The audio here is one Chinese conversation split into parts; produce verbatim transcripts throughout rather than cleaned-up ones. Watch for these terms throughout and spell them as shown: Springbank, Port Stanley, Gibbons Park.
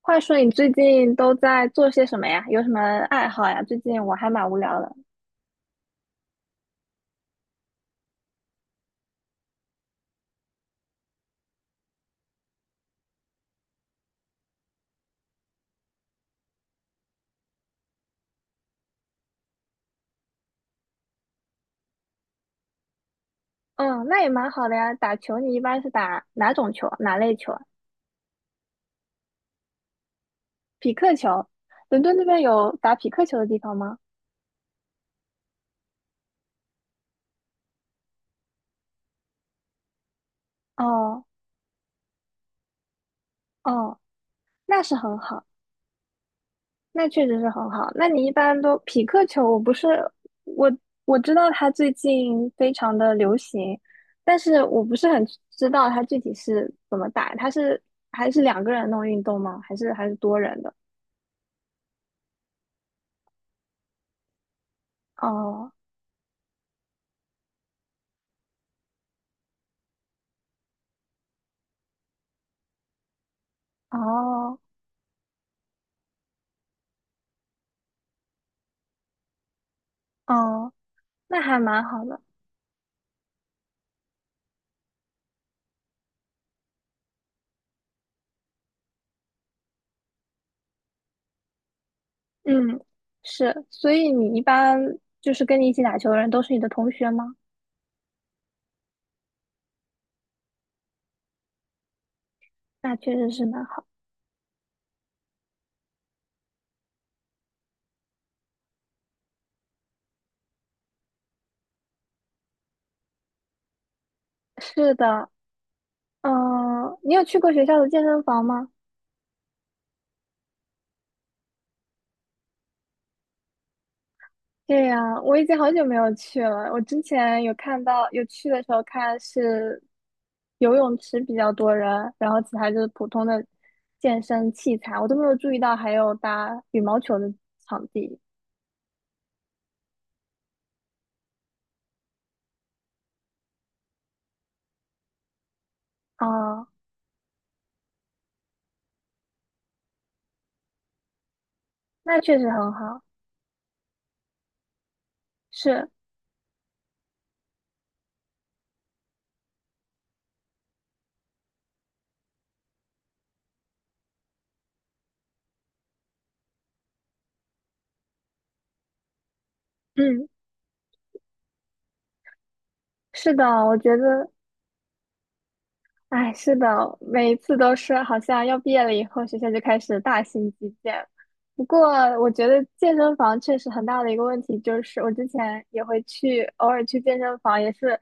话说你最近都在做些什么呀？有什么爱好呀？最近我还蛮无聊的。嗯，那也蛮好的呀。打球你一般是打哪种球？哪类球啊？匹克球。伦敦那边有打匹克球的地方吗？哦哦，那是很好，那确实是很好。那你一般都匹克球？我不是我我知道它最近非常的流行，但是我不是很知道它具体是怎么打。它是还是两个人弄运动吗？还是还是多人的？哦哦哦，那还蛮好的。嗯，是，所以你一般就是跟你一起打球的人都是你的同学吗？那确实是蛮好。是的，嗯，你有去过学校的健身房吗？对呀，我已经好久没有去了。我之前有看到，有去的时候看是游泳池比较多人，然后其他就是普通的健身器材，我都没有注意到还有打羽毛球的场地。哦，那确实很好。是，嗯。是的，我觉得，哎，是的，每一次都是好像要毕业了以后，学校就开始大型基建。不过，我觉得健身房确实很大的一个问题就是，我之前也会去，偶尔去健身房，也是，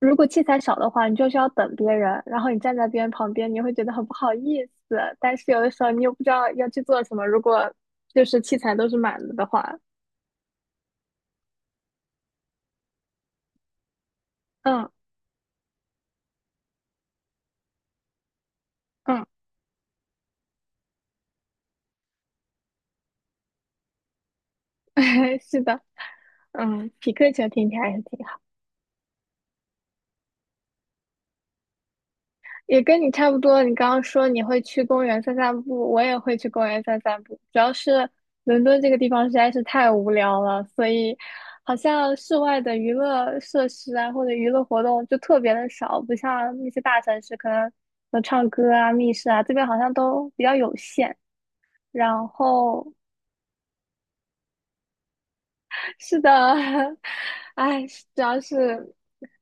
如果器材少的话，你就需要等别人，然后你站在别人旁边，你会觉得很不好意思。但是有的时候你又不知道要去做什么，如果就是器材都是满了的话，嗯嗯，是的，嗯，匹克球听起来还是挺好。也跟你差不多。你刚刚说你会去公园散散步，我也会去公园散散步。主要是伦敦这个地方实在是太无聊了，所以好像室外的娱乐设施啊，或者娱乐活动就特别的少，不像那些大城市可能有唱歌啊、密室啊，这边好像都比较有限。然后是的，哎，主要是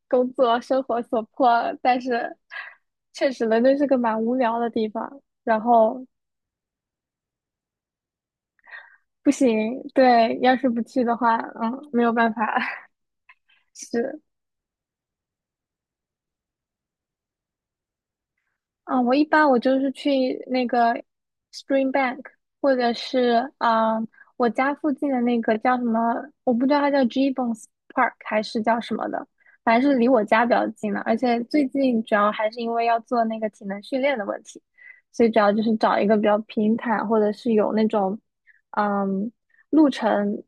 工作生活所迫，但是确实伦敦是个蛮无聊的地方。然后不行，对，要是不去的话，嗯，没有办法，是，嗯，我一般我就是去那个 Springbank，或者是啊、我家附近的那个叫什么，我不知道它叫 Gibbons Park 还是叫什么的，反正是离我家比较近的。而且最近主要还是因为要做那个体能训练的问题，所以主要就是找一个比较平坦，或者是有那种嗯路程，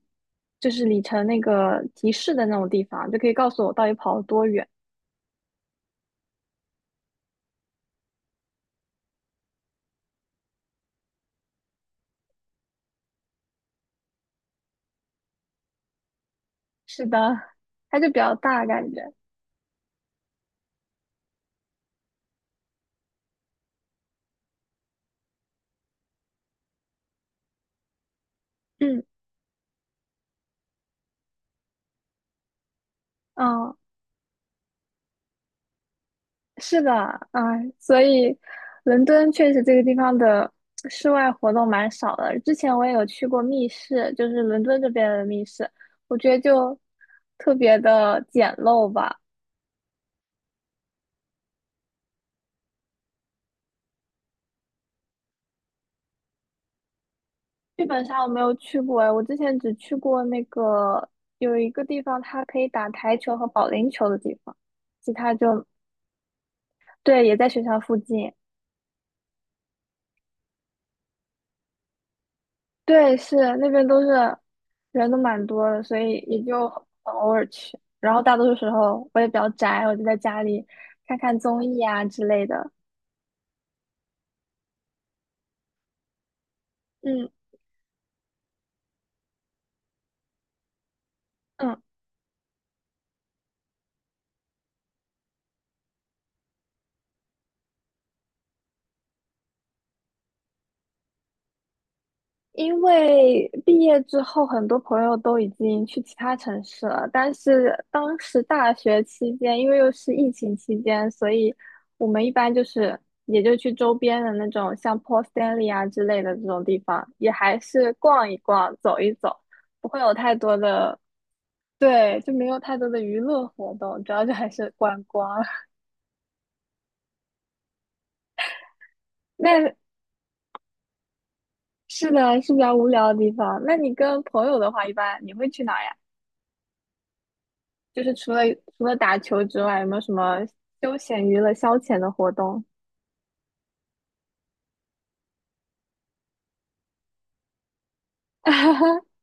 就是里程那个提示的那种地方，就可以告诉我到底跑了多远。是的，它就比较大感觉，嗯。嗯，是的，哎，所以伦敦确实这个地方的室外活动蛮少的。之前我也有去过密室，就是伦敦这边的密室，我觉得就特别的简陋吧。剧本杀我没有去过，哎，我之前只去过那个有一个地方，它可以打台球和保龄球的地方，其他就对，也在学校附近。对，是那边都是人都蛮多的，所以也就很偶尔去。然后大多数时候我也比较宅，我就在家里看看综艺啊之类的。嗯嗯，因为毕业之后很多朋友都已经去其他城市了，但是当时大学期间，因为又是疫情期间，所以我们一般就是也就去周边的那种像 Port Stanley 啊之类的这种地方，也还是逛一逛、走一走。不会有太多的对，就没有太多的娱乐活动，主要就还是观光。那是的，是比较无聊的地方。那你跟朋友的话，一般你会去哪儿呀？就是除了除了打球之外，有没有什么休闲娱乐消遣的活动？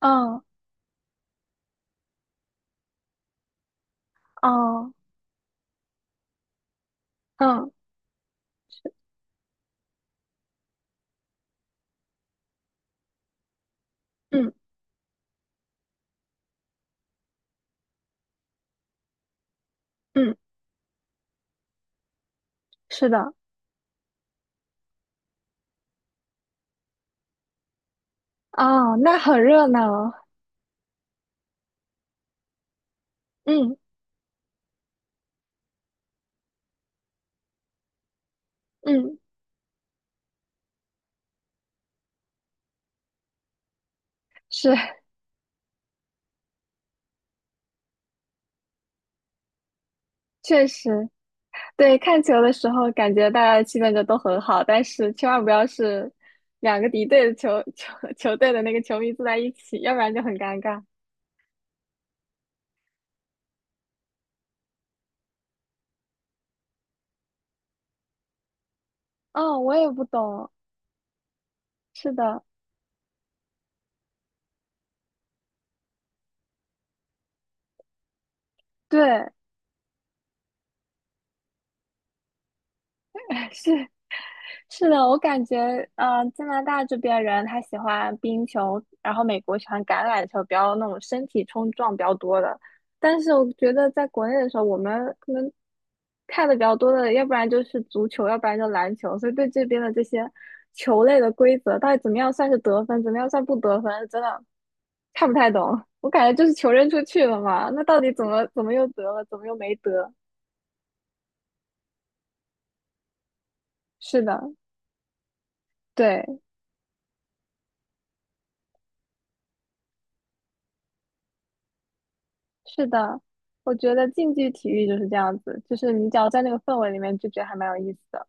嗯哦嗯嗯嗯，是的，哦，那很热闹。嗯嗯，是，确实，对，看球的时候感觉大家的气氛就都很好，但是千万不要是两个敌对的球 球球队的那个球迷坐在一起，要不然就很尴尬。哦，我也不懂，是的，对，是是的，我感觉，呃，加拿大这边人他喜欢冰球，然后美国喜欢橄榄球，比较那种身体冲撞比较多的。但是我觉得在国内的时候，我们可能看的比较多的，要不然就是足球，要不然就篮球，所以对这边的这些球类的规则，到底怎么样算是得分，怎么样算不得分，真的看不太懂。我感觉就是球扔出去了嘛，那到底怎么怎么又得了，怎么又没得？是的，对。是的，我觉得竞技体育就是这样子，就是你只要在那个氛围里面，就觉得还蛮有意思的。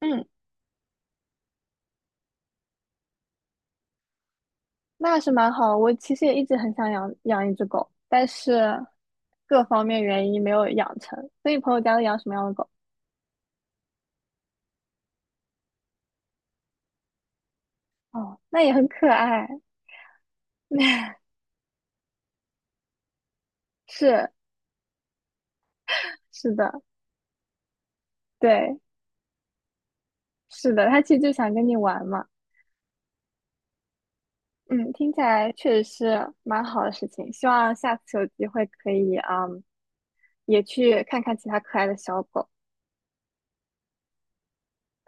嗯，那是蛮好的我其实也一直很想养养一只狗，但是各方面原因没有养成。所以朋友家都养什么样的狗？哦，那也很可爱。是是的，对，是的，它其实就想跟你玩嘛。嗯，听起来确实是蛮好的事情。希望下次有机会可以，嗯，也去看看其他可爱的小狗。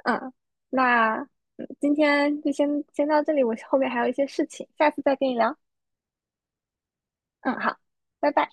嗯，那嗯今天就先先到这里，我后面还有一些事情，下次再跟你聊。嗯，好，拜拜。